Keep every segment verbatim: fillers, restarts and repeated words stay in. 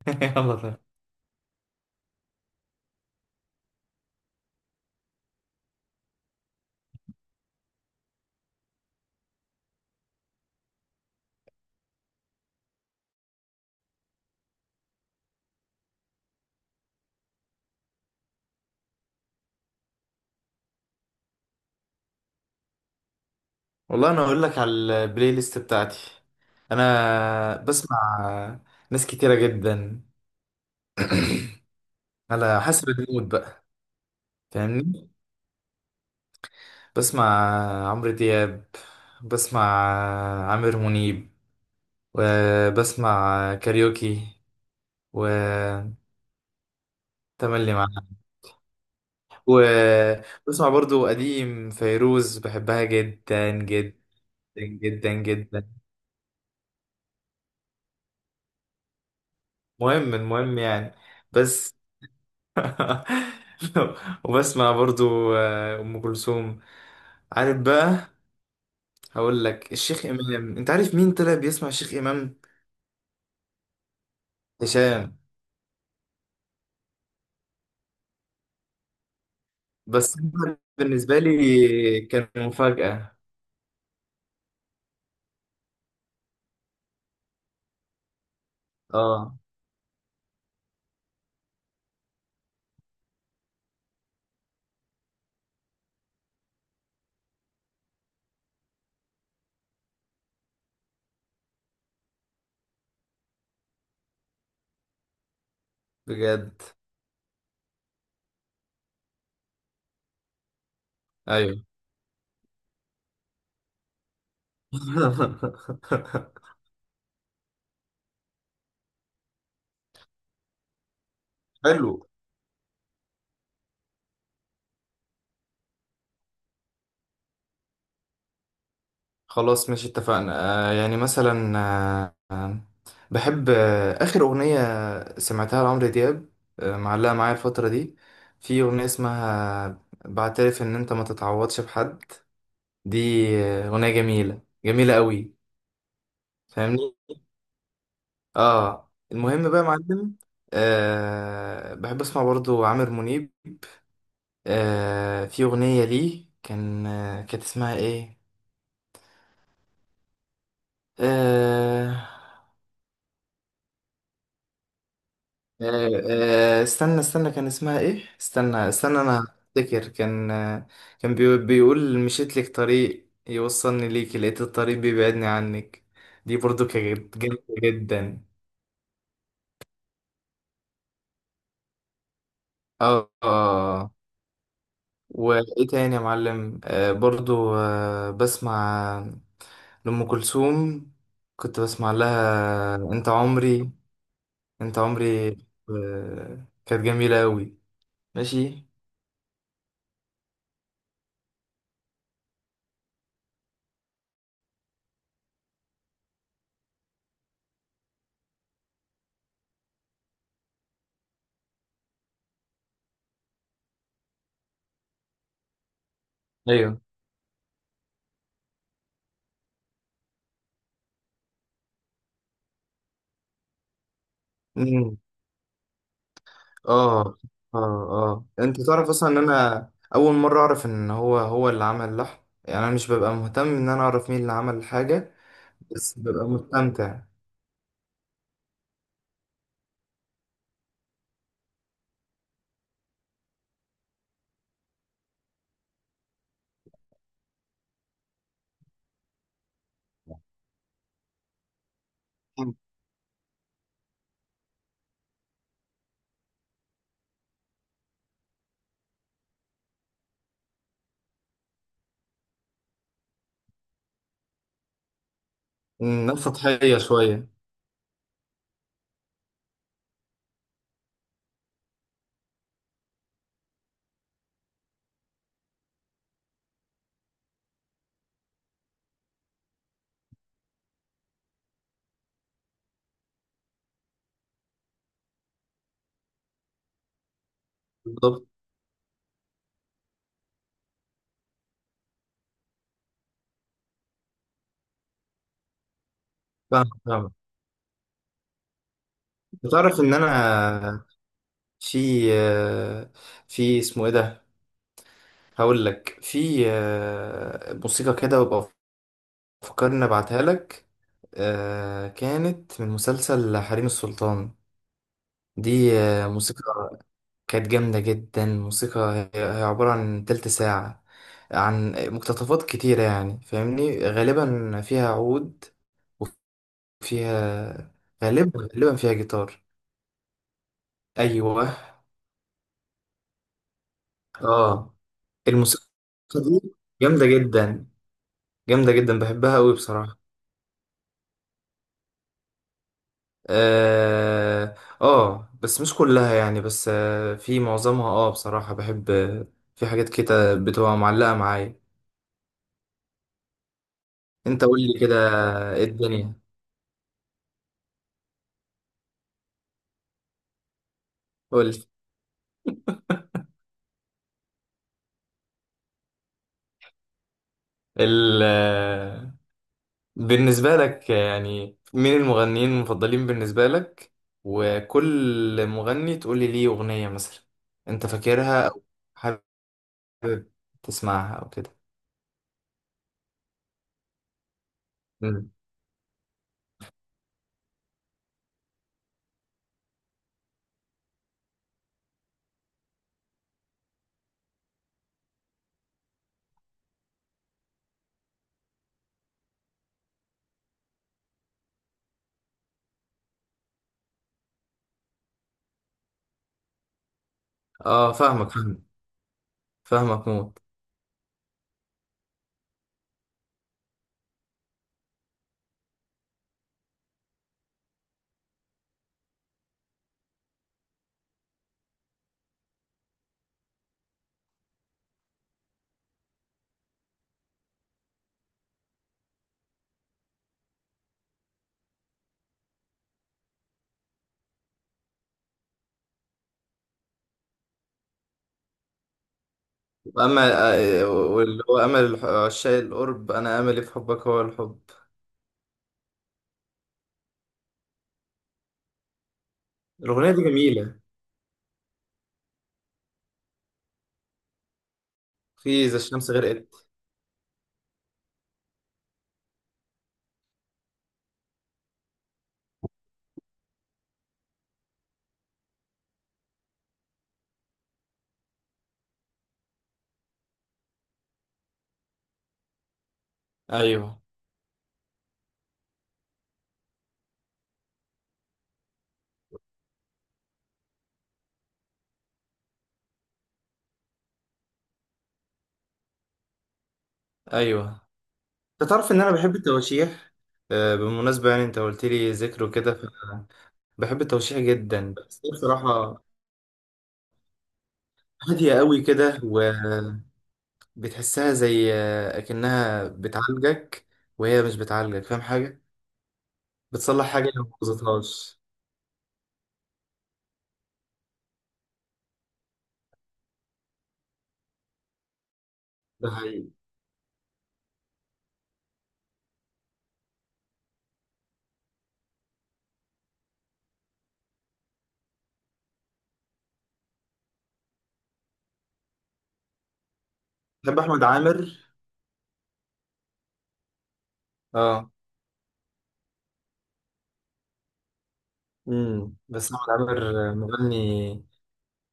يلا طيب. والله انا اقول لك على البلاي ليست بتاعتي. انا بسمع ناس كتيره جدا، على حسب المود بقى، فاهمني؟ بسمع عمرو دياب، بسمع عامر منيب، وبسمع كاريوكي وتملي معاك. وبسمع برضو قديم فيروز، بحبها جدا جدا جدا جدا. مهم المهم يعني، بس. وبسمع برضو آه، ام كلثوم، عارف بقى؟ هقول لك الشيخ امام، انت عارف مين طلع بيسمع الشيخ امام؟ هشام. بس أنا بالنسبه لي كان مفاجاه. اه، بجد. ايوه. حلو. خلاص ماشي، اتفقنا. آه يعني مثلا آه آه، بحب آه آخر أغنية سمعتها لعمرو دياب، آه معلقة معايا الفترة دي. في أغنية اسمها بعترف إن أنت ما تتعوضش بحد. دي آه، أغنية جميلة جميلة قوي. فاهمني؟ آه المهم بقى يا معلم. آه بحب أسمع برضو عامر منيب. آه في أغنية ليه كان آه كانت اسمها إيه؟ آه، آه، آه، استنى استنى كان اسمها ايه، استنى استنى انا افتكر كان آه، كان بيقول, بيقول مشيت لك طريق يوصلني ليك، لقيت الطريق بيبعدني عنك. دي برضو كانت جامدة جدا. اه. آه. آه. وايه تاني يا معلم؟ آه برضو آه بسمع لأم كلثوم، كنت بسمع لها انت عمري، انت عمري، آه كانت جميلة اوي. ماشي. ايوه. اه، اه، اه، انت تعرف اصلا ان انا اول مره اعرف ان هو هو اللي عمل اللحن؟ يعني انا مش ببقى مهتم ان انا اعرف مين اللي عمل الحاجه، بس ببقى مستمتع. امم، ناس سطحيه شويه. بالظبط. فاهم فاهم. انت تعرف ان انا في آه، في اسمه ايه ده، هقول لك في آه، موسيقى كده وابقى فكرني ابعتها لك. آه، كانت من مسلسل حريم السلطان. دي آه، موسيقى كانت جامدة جدا. الموسيقى هي هي عبارة عن تلت ساعة، عن مقتطفات كتيرة يعني فاهمني، غالبا فيها عود، وفيها غالبا غالبا فيها جيتار. أيوة. اه. الموسيقى دي جامدة جدا، جامدة جدا، بحبها أوي بصراحة. اه، آه بس مش كلها يعني، بس آه في معظمها اه بصراحة بحب. في حاجات كده بتبقى معلقة معايا. انت قول لي كده إيه الدنيا. قول. ال بالنسبة لك يعني، مين المغنيين المفضلين بالنسبة لك؟ وكل مغني تقول لي ليه أغنية مثلا أنت فاكرها أو حابب تسمعها أو كده. مم. اه، فاهمك فاهمك، فاهمك موت. أما آه، واللي هو أمل الح- عشاق القرب، أنا أملي في حبك هو الحب. الأغنية دي جميلة. في إذا الشمس غرقت. أيوه أيوه. أنت تعرف إن أنا بحب التواشيح؟ آه، بالمناسبة يعني أنت قلت لي ذكره كده، بحب التوشيح جدا، بس هي بصراحة هادية قوي كده، وبتحسها زي أكنها بتعالجك، وهي مش بتعالجك. فاهم حاجة؟ بتصلح حاجة لو ما بوظتهاش. ده حقيقي. بحب أحمد عامر. اه. امم بس أحمد عامر مغني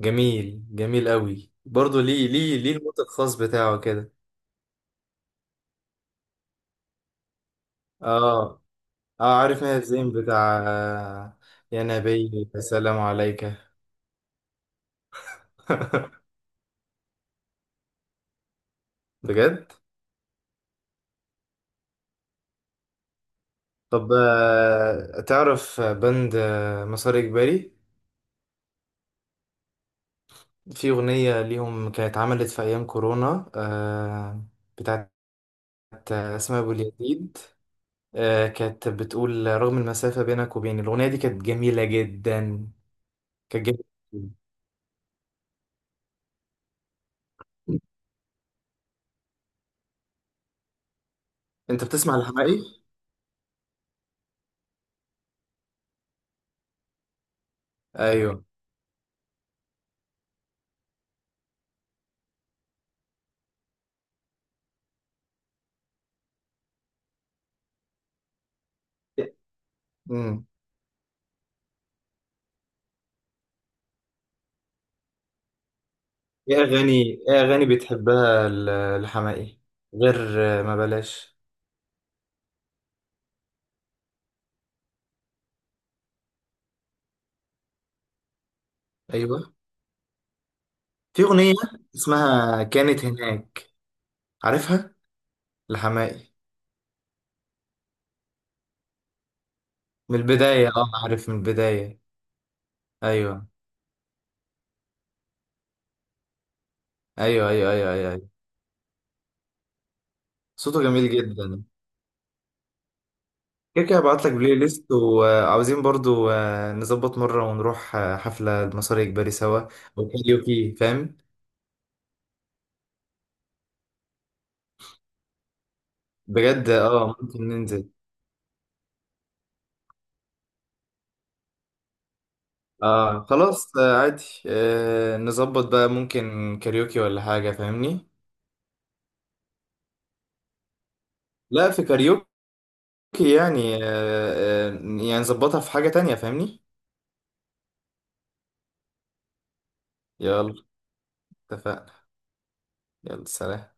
جميل، جميل قوي برضه. ليه ليه ليه الموت الخاص بتاعه كده؟ اه. اه، عارف ماهر زين بتاع يا نبي السلام عليك. بجد؟ طب آه، تعرف بند آه، مسار إجباري؟ في أغنية ليهم كانت اتعملت في أيام كورونا، آه، بتاعت آه، أسماء أبو اليزيد. آه، كانت بتقول رغم المسافة بينك وبيني. الأغنية دي كانت جميلة جدا، كانت جميلة جداً. أنت بتسمع الحماقي؟ أيوه. مم. إيه أغاني إيه أغاني بتحبها ال- الحماقي، غير آه، ما بلاش؟ أيوه. في أغنية اسمها كانت هناك، عارفها الحماقي؟ من البداية. اه، عارف من البداية. ايوه ايوه ايوه ايوه ايوه، أيوة. صوته جميل جدا. كده كده هبعت لك بلاي ليست، وعاوزين برضو آه، نظبط مرة ونروح آه، حفلة المصري الإجباري سوا، او كاريوكي فاهم. بجد. اه، ممكن ننزل. اه خلاص، آه، عادي. آه نظبط بقى، ممكن كاريوكي ولا حاجة فاهمني. لا، في كاريوكي يعني آه آه يعني نظبطها في حاجة تانية فاهمني. يلا. اتفقنا. يلا سلام.